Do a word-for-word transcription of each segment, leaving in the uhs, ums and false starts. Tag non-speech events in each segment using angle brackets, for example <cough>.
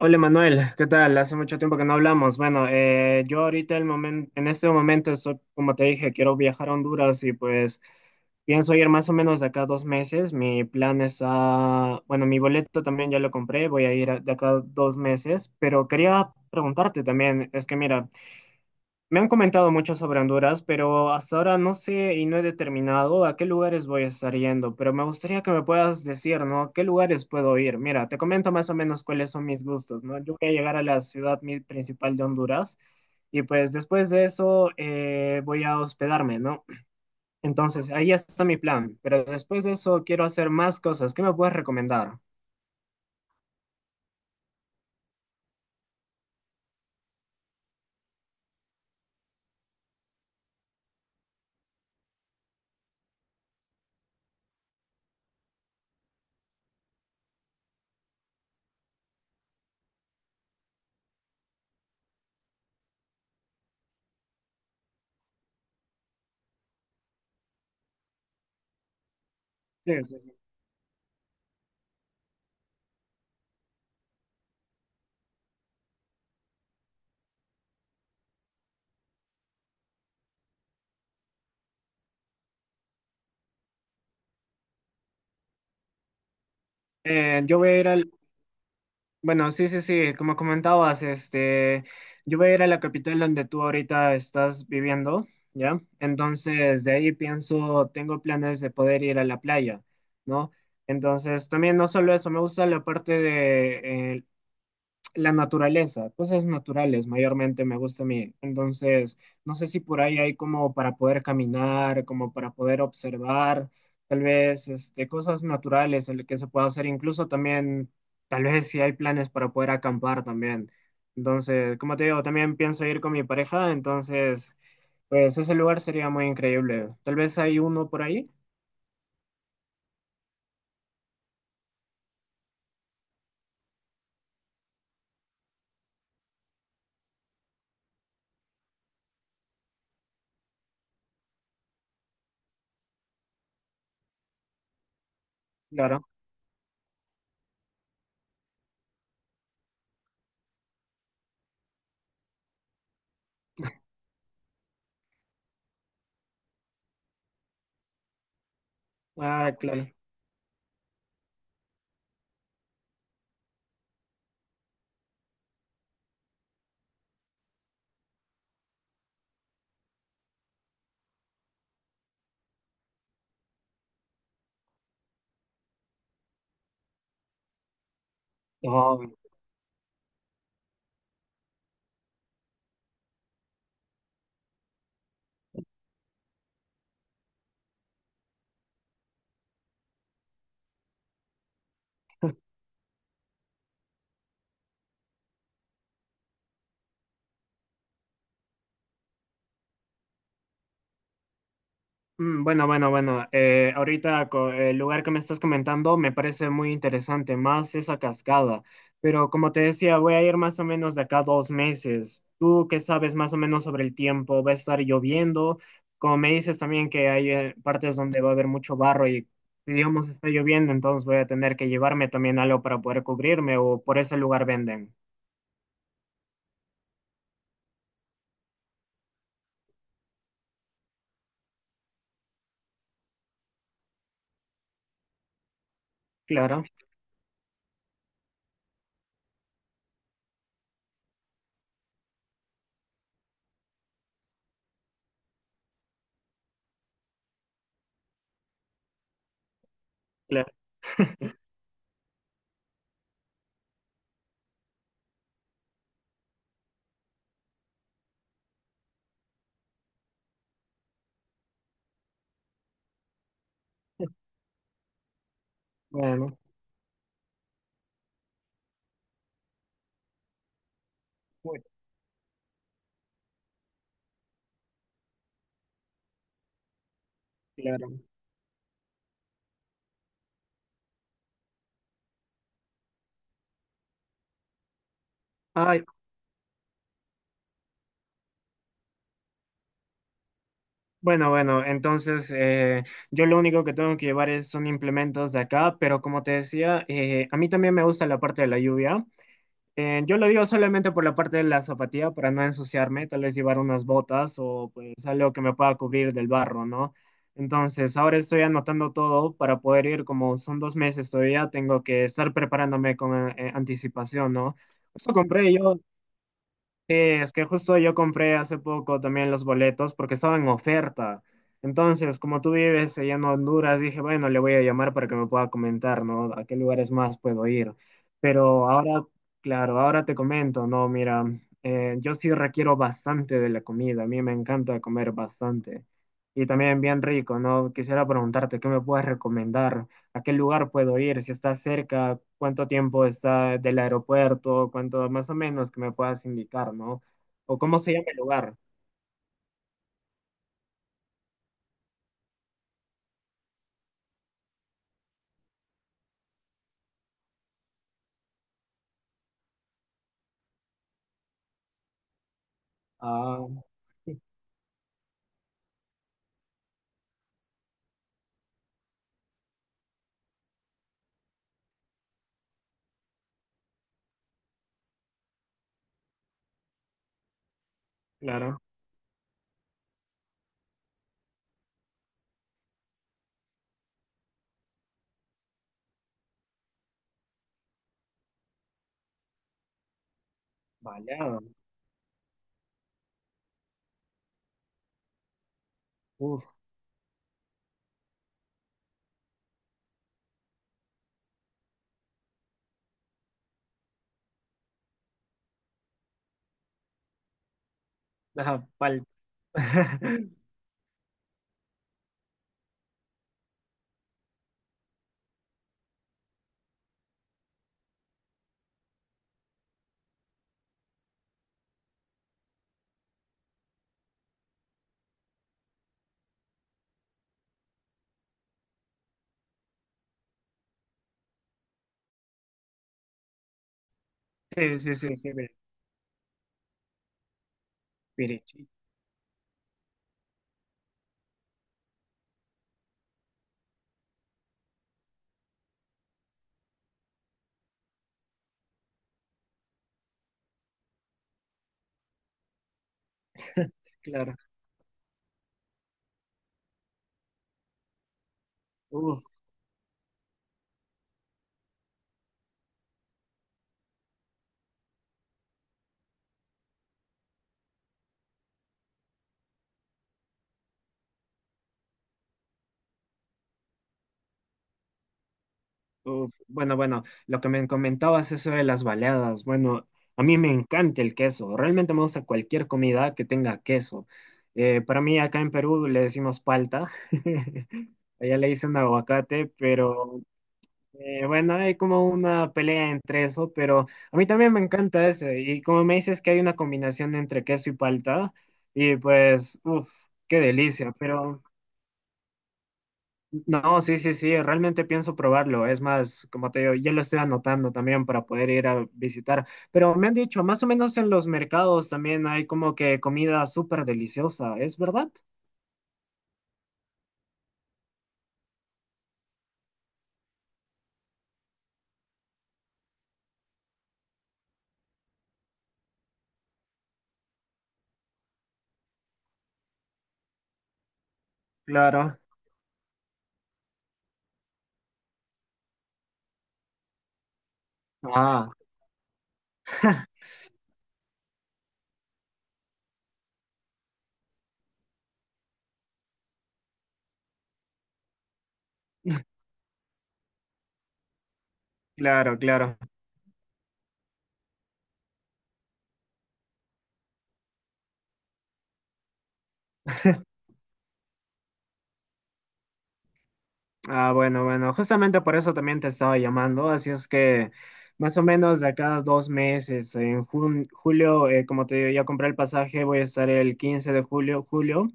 Hola Manuel, ¿qué tal? Hace mucho tiempo que no hablamos. Bueno, eh, yo ahorita el momento, en este momento estoy, como te dije, quiero viajar a Honduras y pues pienso ir más o menos de acá a dos meses. Mi plan es a, bueno, mi boleto también ya lo compré, voy a ir a- de acá a dos meses, pero quería preguntarte también, es que mira, me han comentado mucho sobre Honduras, pero hasta ahora no sé y no he determinado a qué lugares voy a estar yendo, pero me gustaría que me puedas decir, ¿no? ¿A qué lugares puedo ir? Mira, te comento más o menos cuáles son mis gustos, ¿no? Yo voy a llegar a la ciudad mi- principal de Honduras y pues después de eso eh, voy a hospedarme, ¿no? Entonces, ahí está mi plan, pero después de eso quiero hacer más cosas. ¿Qué me puedes recomendar? Sí, sí, sí. Eh, yo voy a ir al. Bueno, sí, sí, sí, como comentabas, este, yo voy a ir a la capital donde tú ahorita estás viviendo, ¿ya? Entonces, de ahí pienso, tengo planes de poder ir a la playa, ¿no? Entonces, también no solo eso, me gusta la parte de eh, la naturaleza, cosas naturales mayormente me gusta a mí. Entonces, no sé si por ahí hay como para poder caminar, como para poder observar, tal vez este, cosas naturales en las que se pueda hacer, incluso también, tal vez si hay planes para poder acampar también. Entonces, como te digo, también pienso ir con mi pareja, entonces, pues ese lugar sería muy increíble. Tal vez hay uno por ahí, claro. Ah, claro. Mm, bueno, bueno, bueno. Eh, ahorita co- el lugar que me estás comentando me parece muy interesante, más esa cascada. Pero como te decía, voy a ir más o menos de acá a dos meses. ¿Tú qué sabes más o menos sobre el tiempo? ¿Va a estar lloviendo? Como me dices también que hay eh, partes donde va a haber mucho barro y digamos está lloviendo, entonces voy a tener que llevarme también algo para poder cubrirme o por ese lugar venden. Claro. Claro, bueno, muy claro. Ay. Bueno, bueno, entonces eh, yo lo único que tengo que llevar es, son implementos de acá, pero como te decía, eh, a mí también me gusta la parte de la lluvia. Eh, yo lo digo solamente por la parte de la zapatilla para no ensuciarme, tal vez llevar unas botas o pues algo que me pueda cubrir del barro, ¿no? Entonces ahora estoy anotando todo para poder ir, como son dos meses todavía, tengo que estar preparándome con eh, anticipación, ¿no? Eso compré yo. Sí, es que justo yo compré hace poco también los boletos porque estaba en oferta. Entonces, como tú vives allá en Honduras, dije, bueno, le voy a llamar para que me pueda comentar, ¿no? ¿A qué lugares más puedo ir? Pero ahora, claro, ahora te comento, ¿no? Mira, eh, yo sí requiero bastante de la comida, a mí me encanta comer bastante. Y también bien rico, ¿no? Quisiera preguntarte, ¿qué me puedes recomendar? ¿A qué lugar puedo ir, si está cerca, cuánto tiempo está del aeropuerto, cuánto más o menos que me puedas indicar, ¿no? O cómo se llama el lugar. Ah, claro. Baleada. Uf, ajá, palta. <laughs> Sí, sí, sí, sí, Pi-. Pirichi, claro. Uf, uf. Bueno, bueno, lo que me comentabas eso de las baleadas, bueno, a mí me encanta el queso, realmente me gusta cualquier comida que tenga queso. Eh, para mí acá en Perú le decimos palta. <laughs> Allá le dicen aguacate, pero eh, bueno, hay como una pelea entre eso, pero a mí también me encanta ese. Y como me dices que hay una combinación entre queso y palta, y pues, uff, qué delicia. Pero no, sí, sí, sí, realmente pienso probarlo. Es más, como te digo, ya lo estoy anotando también para poder ir a visitar. Pero me han dicho, más o menos en los mercados también hay como que comida súper deliciosa, ¿es verdad? Claro. Ah, claro, claro. <laughs> Ah, bueno, bueno, justamente por eso también te estaba llamando, así es que más o menos de cada dos meses, en jun- julio, eh, como te digo, ya compré el pasaje, voy a estar el quince de julio, julio,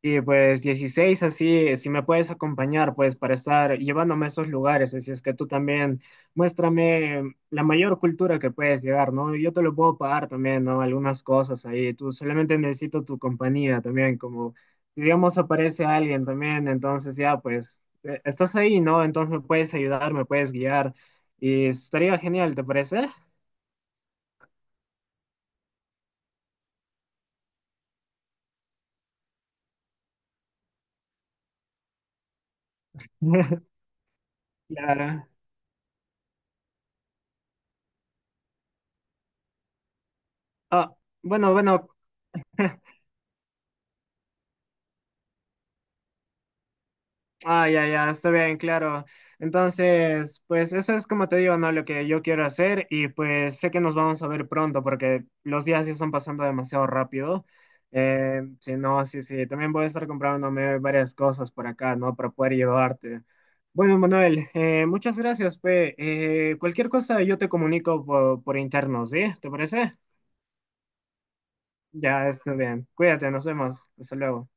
y pues dieciséis así, si me puedes acompañar, pues para estar llevándome a esos lugares, así es que tú también muéstrame la mayor cultura que puedes llegar, ¿no? Yo te lo puedo pagar también, ¿no? Algunas cosas ahí, tú solamente necesito tu compañía también, como si digamos aparece alguien también, entonces ya pues eh, estás ahí, ¿no? Entonces me puedes ayudar, me puedes guiar y estaría genial, ¿te parece? <laughs> Claro. Ah, bueno, bueno. Ah, ya, ya, está bien, claro. Entonces, pues eso es como te digo, ¿no? Lo que yo quiero hacer y pues sé que nos vamos a ver pronto porque los días ya están pasando demasiado rápido. Eh, sí, no, sí, sí, también voy a estar comprándome varias cosas por acá, ¿no? Para poder llevarte. Bueno, Manuel, eh, muchas gracias, pe. Eh, cualquier cosa yo te comunico por, por interno, ¿sí? ¿Te parece? Ya, está bien. Cuídate, nos vemos. Hasta luego.